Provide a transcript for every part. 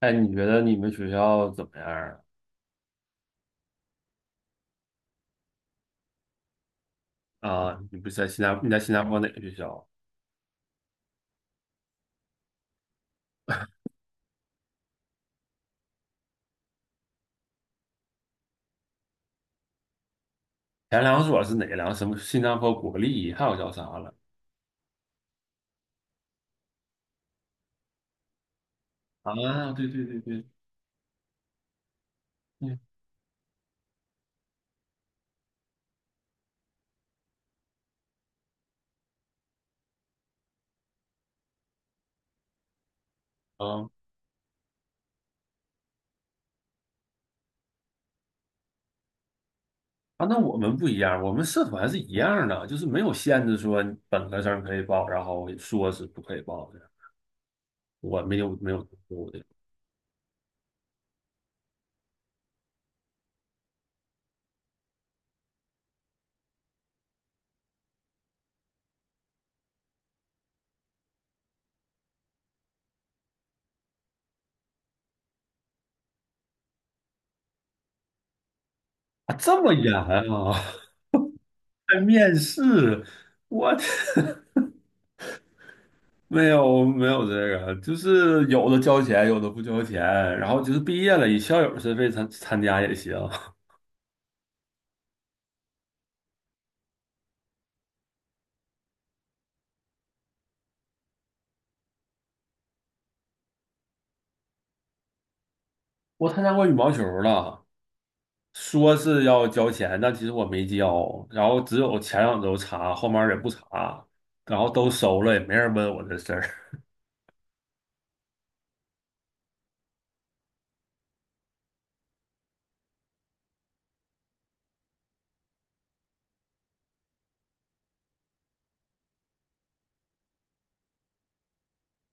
哎，你觉得你们学校怎么样啊？啊，你不是在新加你在新加坡哪个学校？前两所是哪两？什么新加坡国立，还有叫啥了？啊，对对对对。嗯。啊那我们不一样，我们社团是一样的，就是没有限制说本科生可以报，然后硕士不可以报的，我没有读的。啊，这么严啊。还面试，我的没有这个，就是有的交钱，有的不交钱，然后就是毕业了，以校友身份参加也行。我参加过羽毛球了，说是要交钱，但其实我没交，然后只有前2周查，后面儿也不查，然后都收了，也没人问我这事儿。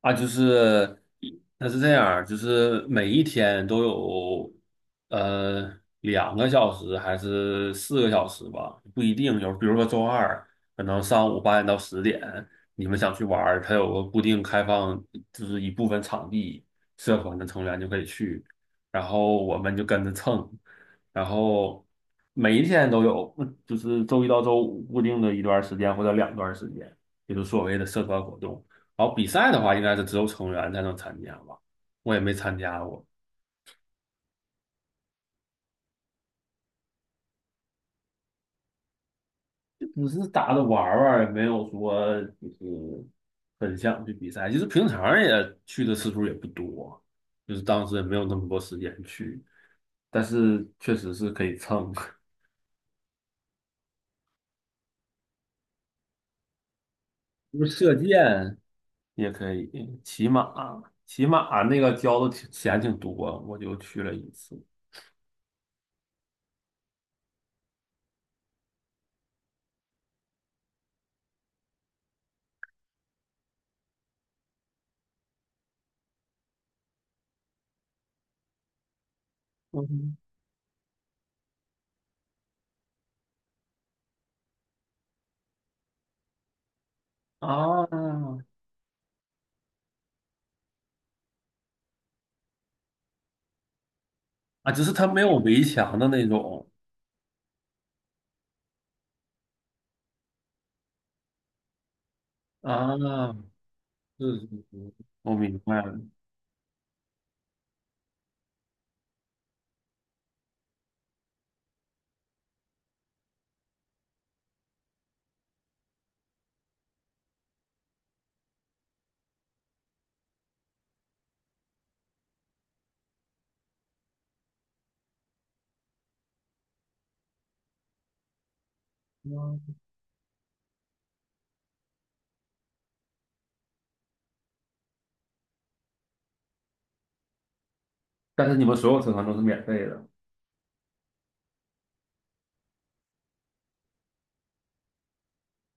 啊，就是那是这样儿就是每一天都有2个小时还是4个小时吧，不一定。有比如说周二，可能上午8点到10点，你们想去玩儿，它有个固定开放，就是一部分场地，社团的成员就可以去，然后我们就跟着蹭，然后每一天都有，就是周一到周五固定的一段儿时间或者两段儿时间，也就是所谓的社团活动。然后比赛的话，应该是只有成员才能参加吧，我也没参加过，就只是打着玩儿玩儿也没有说就是很想去比赛。其实平常也去的次数也不多，就是当时也没有那么多时间去，但是确实是可以蹭。就是射箭也可以，骑马，骑马那个交的挺钱挺多，我就去了一次。嗯。啊只是它没有围墙的那种啊。是是是，我明白了。嗯，但是你们所有车船都是免费的，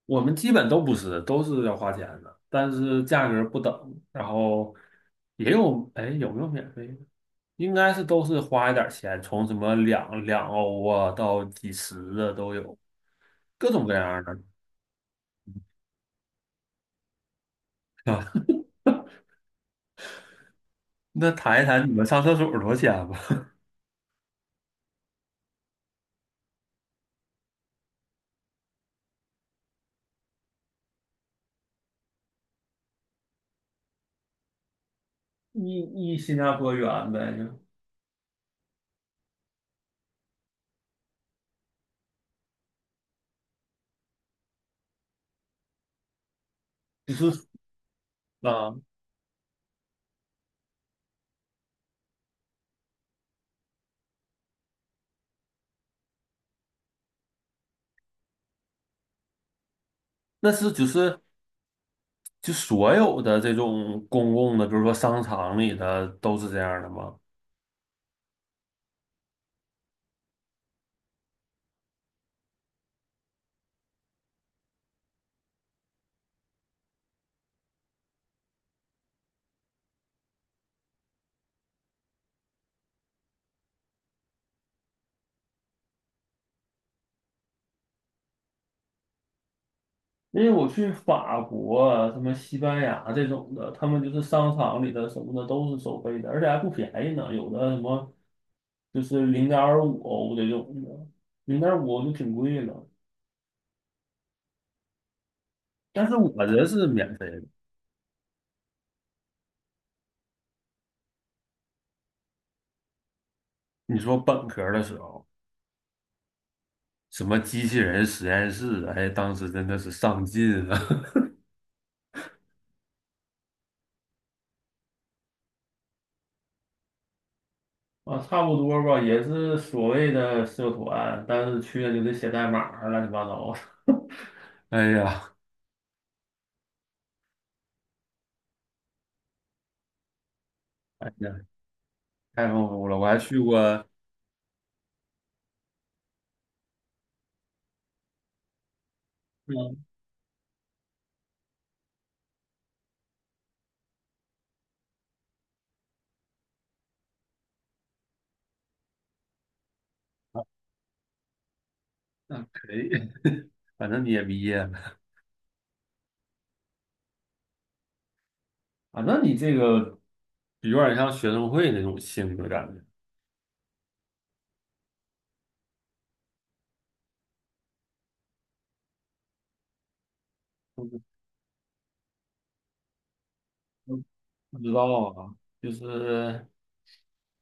我们基本都不是，都是要花钱的，但是价格不等。然后也有，哎，有没有免费的？应该是都是花一点钱，从什么两欧啊到几十的都有，各种各样的。是，那谈一谈你们上厕所多少钱吧？一新加坡远呗，就是啊，那是就是就所有的这种公共的，比如说商场里的，都是这样的吗？因为我去法国啊什么西班牙这种的，他们就是商场里的什么的都是收费的，而且还不便宜呢，有的什么就是零点五欧这种的，零点五欧就挺贵了。但是我这是免费的。你说本科的时候，什么机器人实验室，哎，当时真的是上进啊！啊，差不多吧，也是所谓的社团，但是去了就得写代码儿乱七八糟的。哎呀，哎呀，太丰富了！我还去过。嗯，那可以。反正你也毕业了，反正你这个有点像学生会那种性质感觉。嗯。不知道啊，就是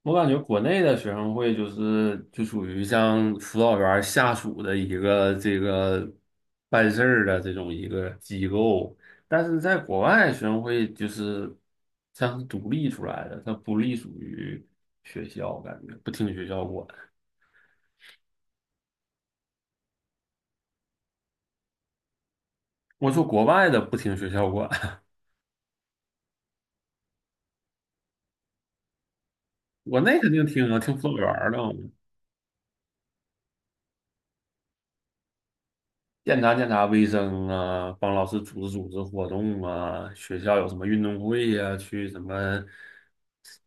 我感觉国内的学生会就属于像辅导员下属的一个这个办事儿的这种一个机构，但是在国外学生会就是像是独立出来的，它不隶属于学校，感觉不听学校管。我说国外的不听学校管。国内肯定听啊，听辅导员儿的。检查检查卫生啊，帮老师组织组织活动啊，学校有什么运动会呀、去什么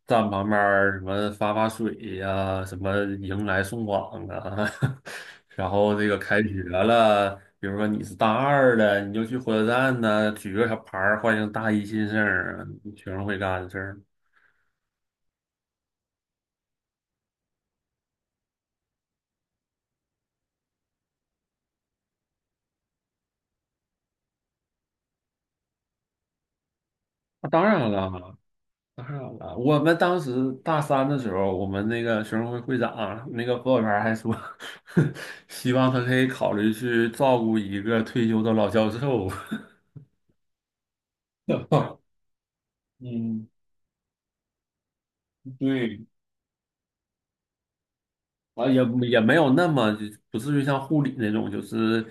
站旁边儿什么发发水呀、什么迎来送往啊。然后这个开学了，比如说你是大二的，你就去火车站呢、举个小牌儿欢迎大一新生儿，学生会干的事儿。那当然了，当然了，我们当时大三的时候，我们那个学生会会长那个辅导员还说，希望他可以考虑去照顾一个退休的老教授。嗯，对，啊，也没有那么就不至于像护理那种，就是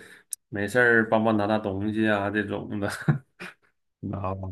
没事儿帮忙拿拿东西啊这种的。你知道吧？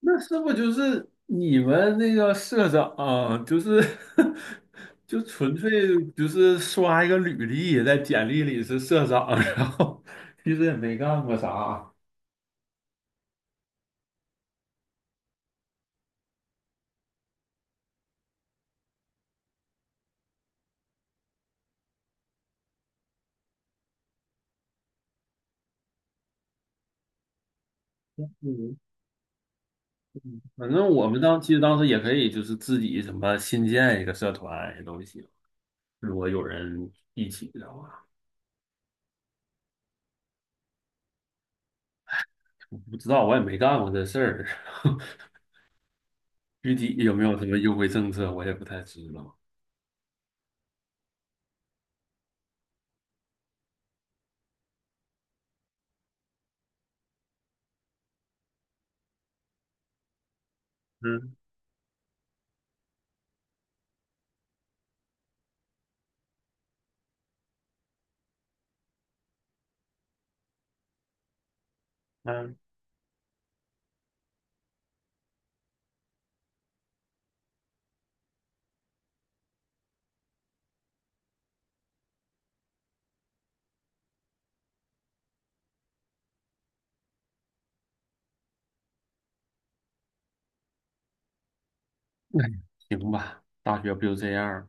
那是不就是你们那个社长，就是 就纯粹就是刷一个履历，在简历里是社长。然后其实也没干过啥。嗯，反正我们当其实当时也可以就是自己什么新建一个社团也都行，如果有人一起的话，我不知道我也没干过这事儿。具体有没有什么优惠政策我也不太知道。嗯嗯，哎，行吧，大学不就这样儿